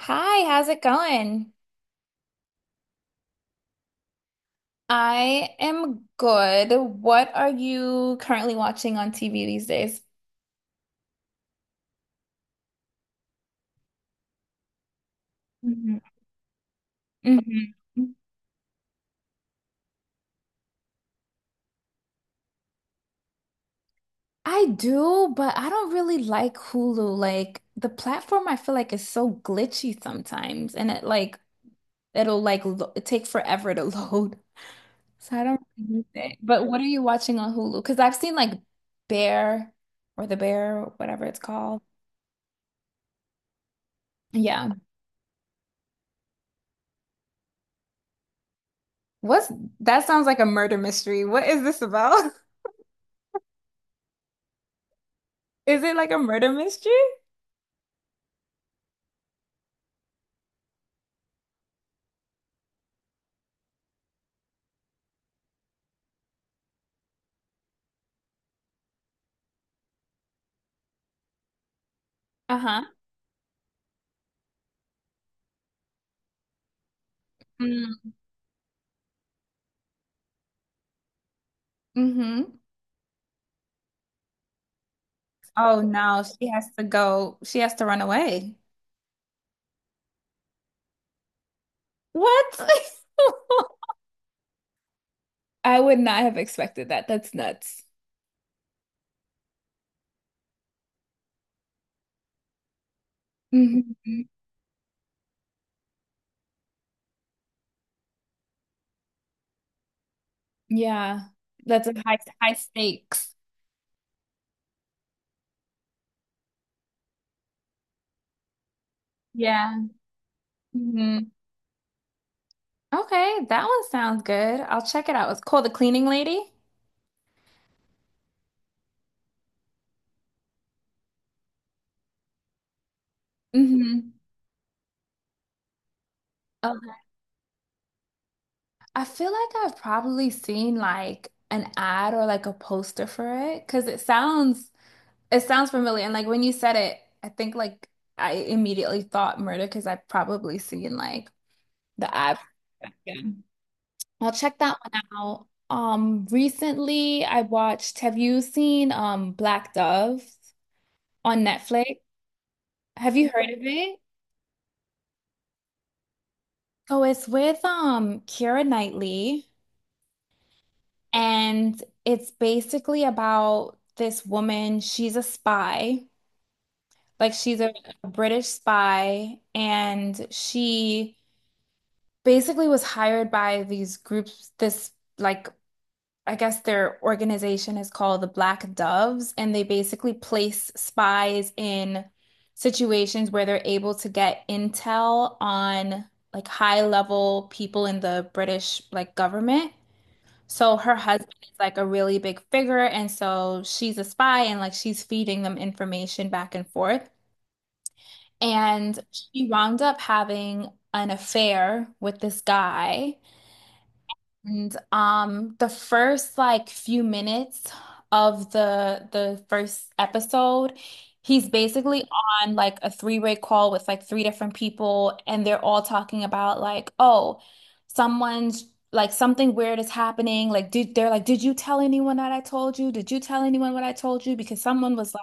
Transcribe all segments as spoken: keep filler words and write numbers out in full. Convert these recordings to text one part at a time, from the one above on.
Hi, how's it going? I am good. What are you currently watching on T V these days? Mhm, mhm. I do, but I don't really like Hulu. Like the platform I feel like is so glitchy sometimes and it like it'll like lo it take forever to load. So I don't really use it. But what are you watching on Hulu? Because I've seen like Bear or The Bear, whatever it's called. Yeah. What's That sounds like a murder mystery. What is this about? Is it like a murder mystery? Uh-huh. Mm, hmm. Oh no, she has to go. She has to run away. What? I would not have expected that. That's nuts. Mhm. Yeah. That's a high high stakes. Yeah. Okay, that one sounds good. I'll check it out. It's called The Cleaning Lady. Mm-hmm. Oh, I feel like I've probably seen like an ad or like a poster for it because it sounds it sounds familiar. And like when you said it, I think like I immediately thought murder because I've probably seen like the ad. Yeah. I'll check that one out. Um, recently I watched, have you seen um Black Dove on Netflix? Have you heard of it? So it's with um Keira Knightley, and it's basically about this woman. She's a spy, like she's a, a British spy, and she basically was hired by these groups. This like I guess their organization is called the Black Doves, and they basically place spies in situations where they're able to get intel on like high level people in the British like government. So her husband is like a really big figure, and so she's a spy and like she's feeding them information back and forth. And she wound up having an affair with this guy and um, the first like few minutes of the the first episode, he's basically on like a three-way call with like three different people, and they're all talking about like, oh, someone's like something weird is happening. Like, did they're like, did you tell anyone that I told you? Did you tell anyone what I told you? Because someone was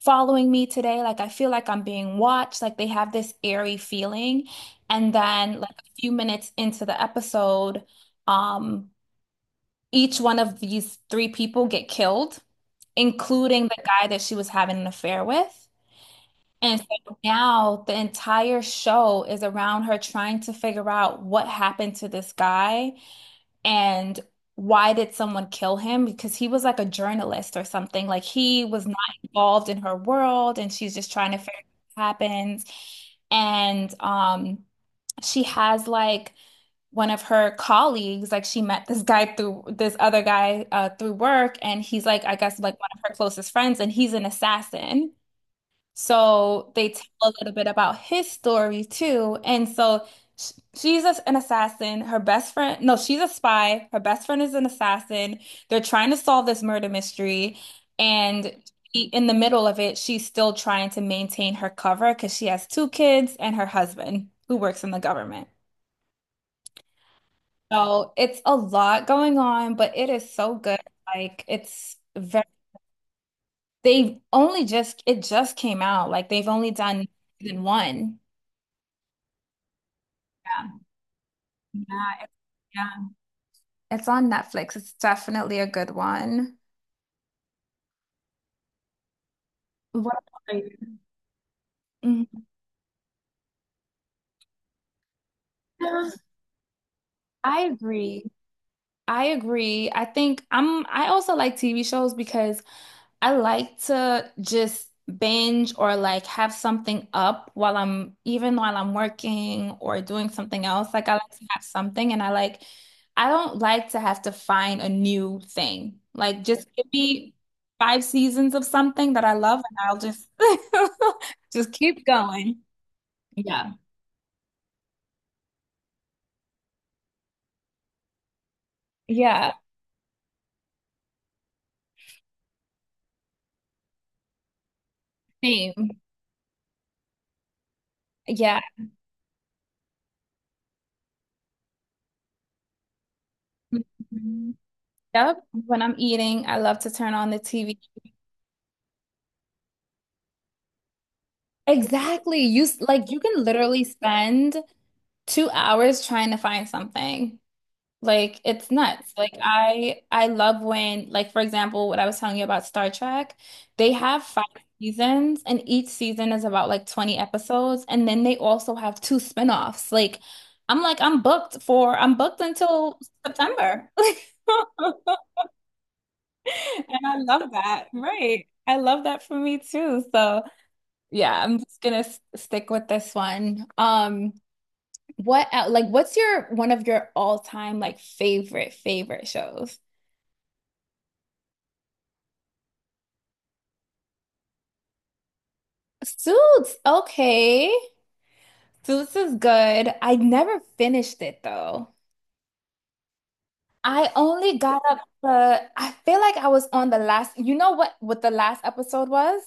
following me today. Like I feel like I'm being watched. Like they have this airy feeling. And then like a few minutes into the episode, um, each one of these three people get killed, including the guy that she was having an affair with. And so now the entire show is around her trying to figure out what happened to this guy and why did someone kill him? Because he was like a journalist or something. Like he was not involved in her world and she's just trying to figure out what happens. And um she has like one of her colleagues, like she met this guy through this other guy uh through work and he's like I guess like one of her closest friends and he's an assassin. So they tell a little bit about his story too. And so sh- she's a- an assassin. Her best friend, no, she's a spy. Her best friend is an assassin. They're trying to solve this murder mystery. And she- in the middle of it, she's still trying to maintain her cover because she has two kids and her husband who works in the government. So it's a lot going on, but it is so good. Like it's very, they've only just, it just came out. Like they've only done season one. Yeah, it- yeah. It's on Netflix. It's definitely a good one. What about you? Mhm. Yeah, I agree. I agree. I think I'm I also like T V shows because I like to just binge or like have something up while I'm even while I'm working or doing something else. Like I like to have something and I like I don't like to have to find a new thing. Like just give me five seasons of something that I love and I'll just just keep going. Yeah. Yeah. Same. Yeah. Mhm. Yep. When I'm eating, I love to turn on the T V. Exactly. You s- like you can literally spend two hours trying to find something. Like it's nuts. Like I I love when like for example what I was telling you about Star Trek, they have five seasons and each season is about like twenty episodes and then they also have two spin-offs. Like I'm like I'm booked for I'm booked until September. And I love that. Right. I love that for me too. So yeah, I'm just gonna s- stick with this one. Um what el- like what's your one of your all-time like favorite favorite shows? Suits. Okay. Suits is good. I never finished it though. I only got up to I feel like I was on the last, you know what what the last episode was?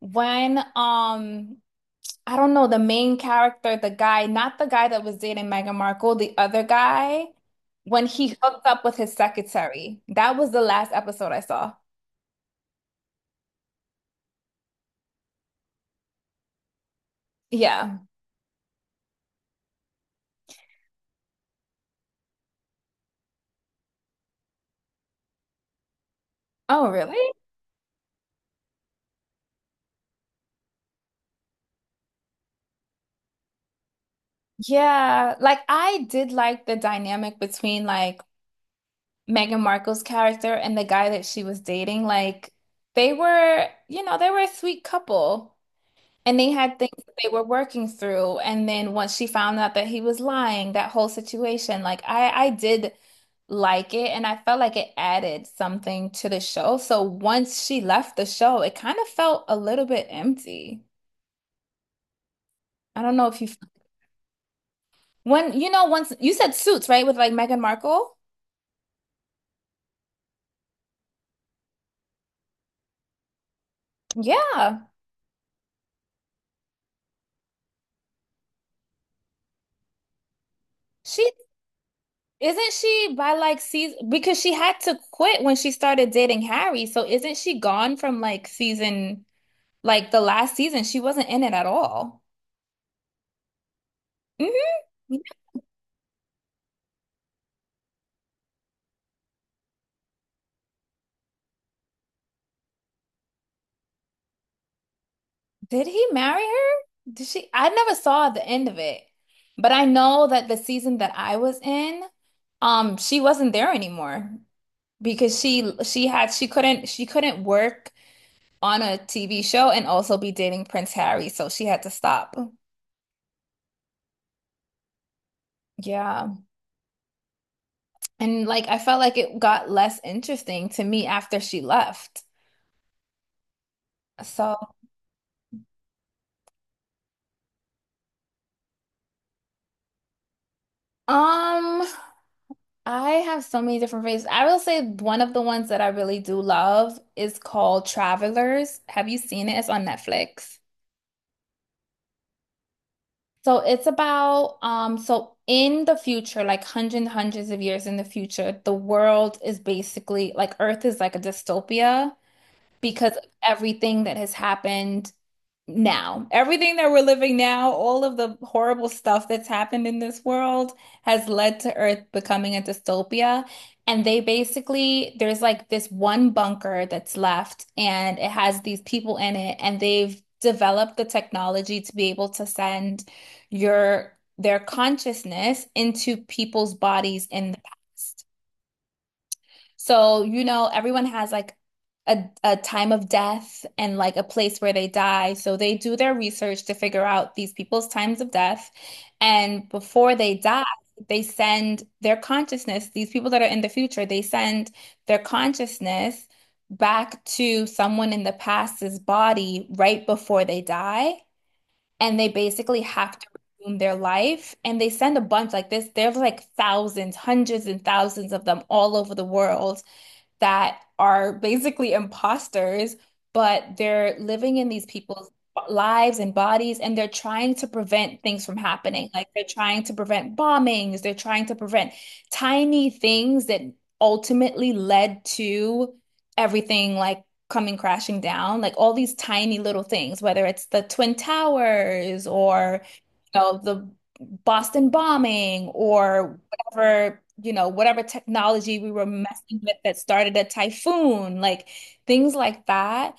When um I don't know the main character, the guy, not the guy that was dating Meghan Markle, the other guy, when he hooked up with his secretary. That was the last episode I saw. Yeah. Oh, really? Yeah, like I did like the dynamic between like Meghan Markle's character and the guy that she was dating. Like they were, you know, they were a sweet couple and they had things that they were working through. And then once she found out that he was lying, that whole situation, like I I did like it and I felt like it added something to the show. So once she left the show, it kind of felt a little bit empty. I don't know if you, when you know once you said Suits, right? With like Meghan Markle. Yeah. She Isn't she by like season, because she had to quit when she started dating Harry. So isn't she gone from like season like the last season? She wasn't in it at all. Hmm. Did he marry her? Did she? I never saw the end of it. But I know that the season that I was in, um, she wasn't there anymore because she she had she couldn't she couldn't work on a T V show and also be dating Prince Harry, so she had to stop. Yeah. And like I felt like it got less interesting to me after she left. So, um, I have so many different favorites. I will say one of the ones that I really do love is called Travelers. Have you seen it? It's on Netflix. So it's about um so in the future, like hundreds hundreds of years in the future, the world is basically like Earth is like a dystopia because of everything that has happened now. Everything that we're living now, all of the horrible stuff that's happened in this world has led to Earth becoming a dystopia. And they basically, there's like this one bunker that's left, and it has these people in it, and they've developed the technology to be able to send your their consciousness into people's bodies in the past. So, you know, everyone has like a, a time of death and like a place where they die. So they do their research to figure out these people's times of death. And before they die, they send their consciousness, these people that are in the future, they send their consciousness back to someone in the past's body right before they die. And they basically have to resume their life. And they send a bunch like this. There's like thousands, hundreds and thousands of them all over the world that are basically imposters, but they're living in these people's lives and bodies, and they're trying to prevent things from happening. Like they're trying to prevent bombings, they're trying to prevent tiny things that ultimately led to everything like coming crashing down, like all these tiny little things, whether it's the Twin Towers or, you know, the Boston bombing or whatever, you know, whatever technology we were messing with that started a typhoon, like things like that.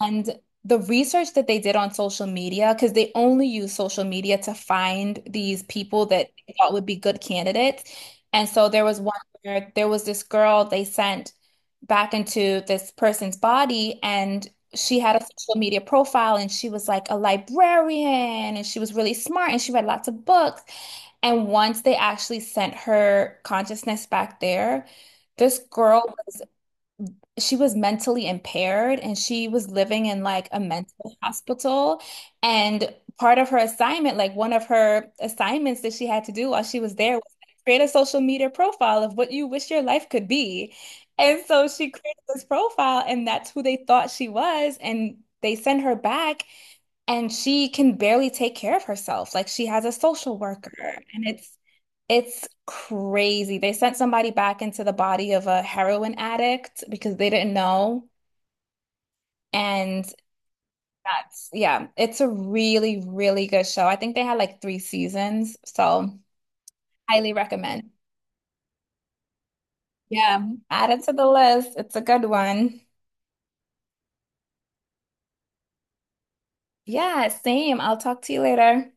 And the research that they did on social media, because they only use social media to find these people that they thought would be good candidates. And so there was one where there was this girl they sent back into this person's body, and she had a social media profile, and she was like a librarian, and she was really smart, and she read lots of books. And once they actually sent her consciousness back there, this girl was she was mentally impaired and she was living in like a mental hospital. And part of her assignment, like one of her assignments that she had to do while she was there was create a social media profile of what you wish your life could be. And so she created this profile, and that's who they thought she was. And they sent her back and she can barely take care of herself. Like she has a social worker, and it's it's crazy. They sent somebody back into the body of a heroin addict because they didn't know. And that's, yeah, it's a really, really good show. I think they had like three seasons, so highly recommend. Yeah, add it to the list. It's a good one. Yeah, same. I'll talk to you later.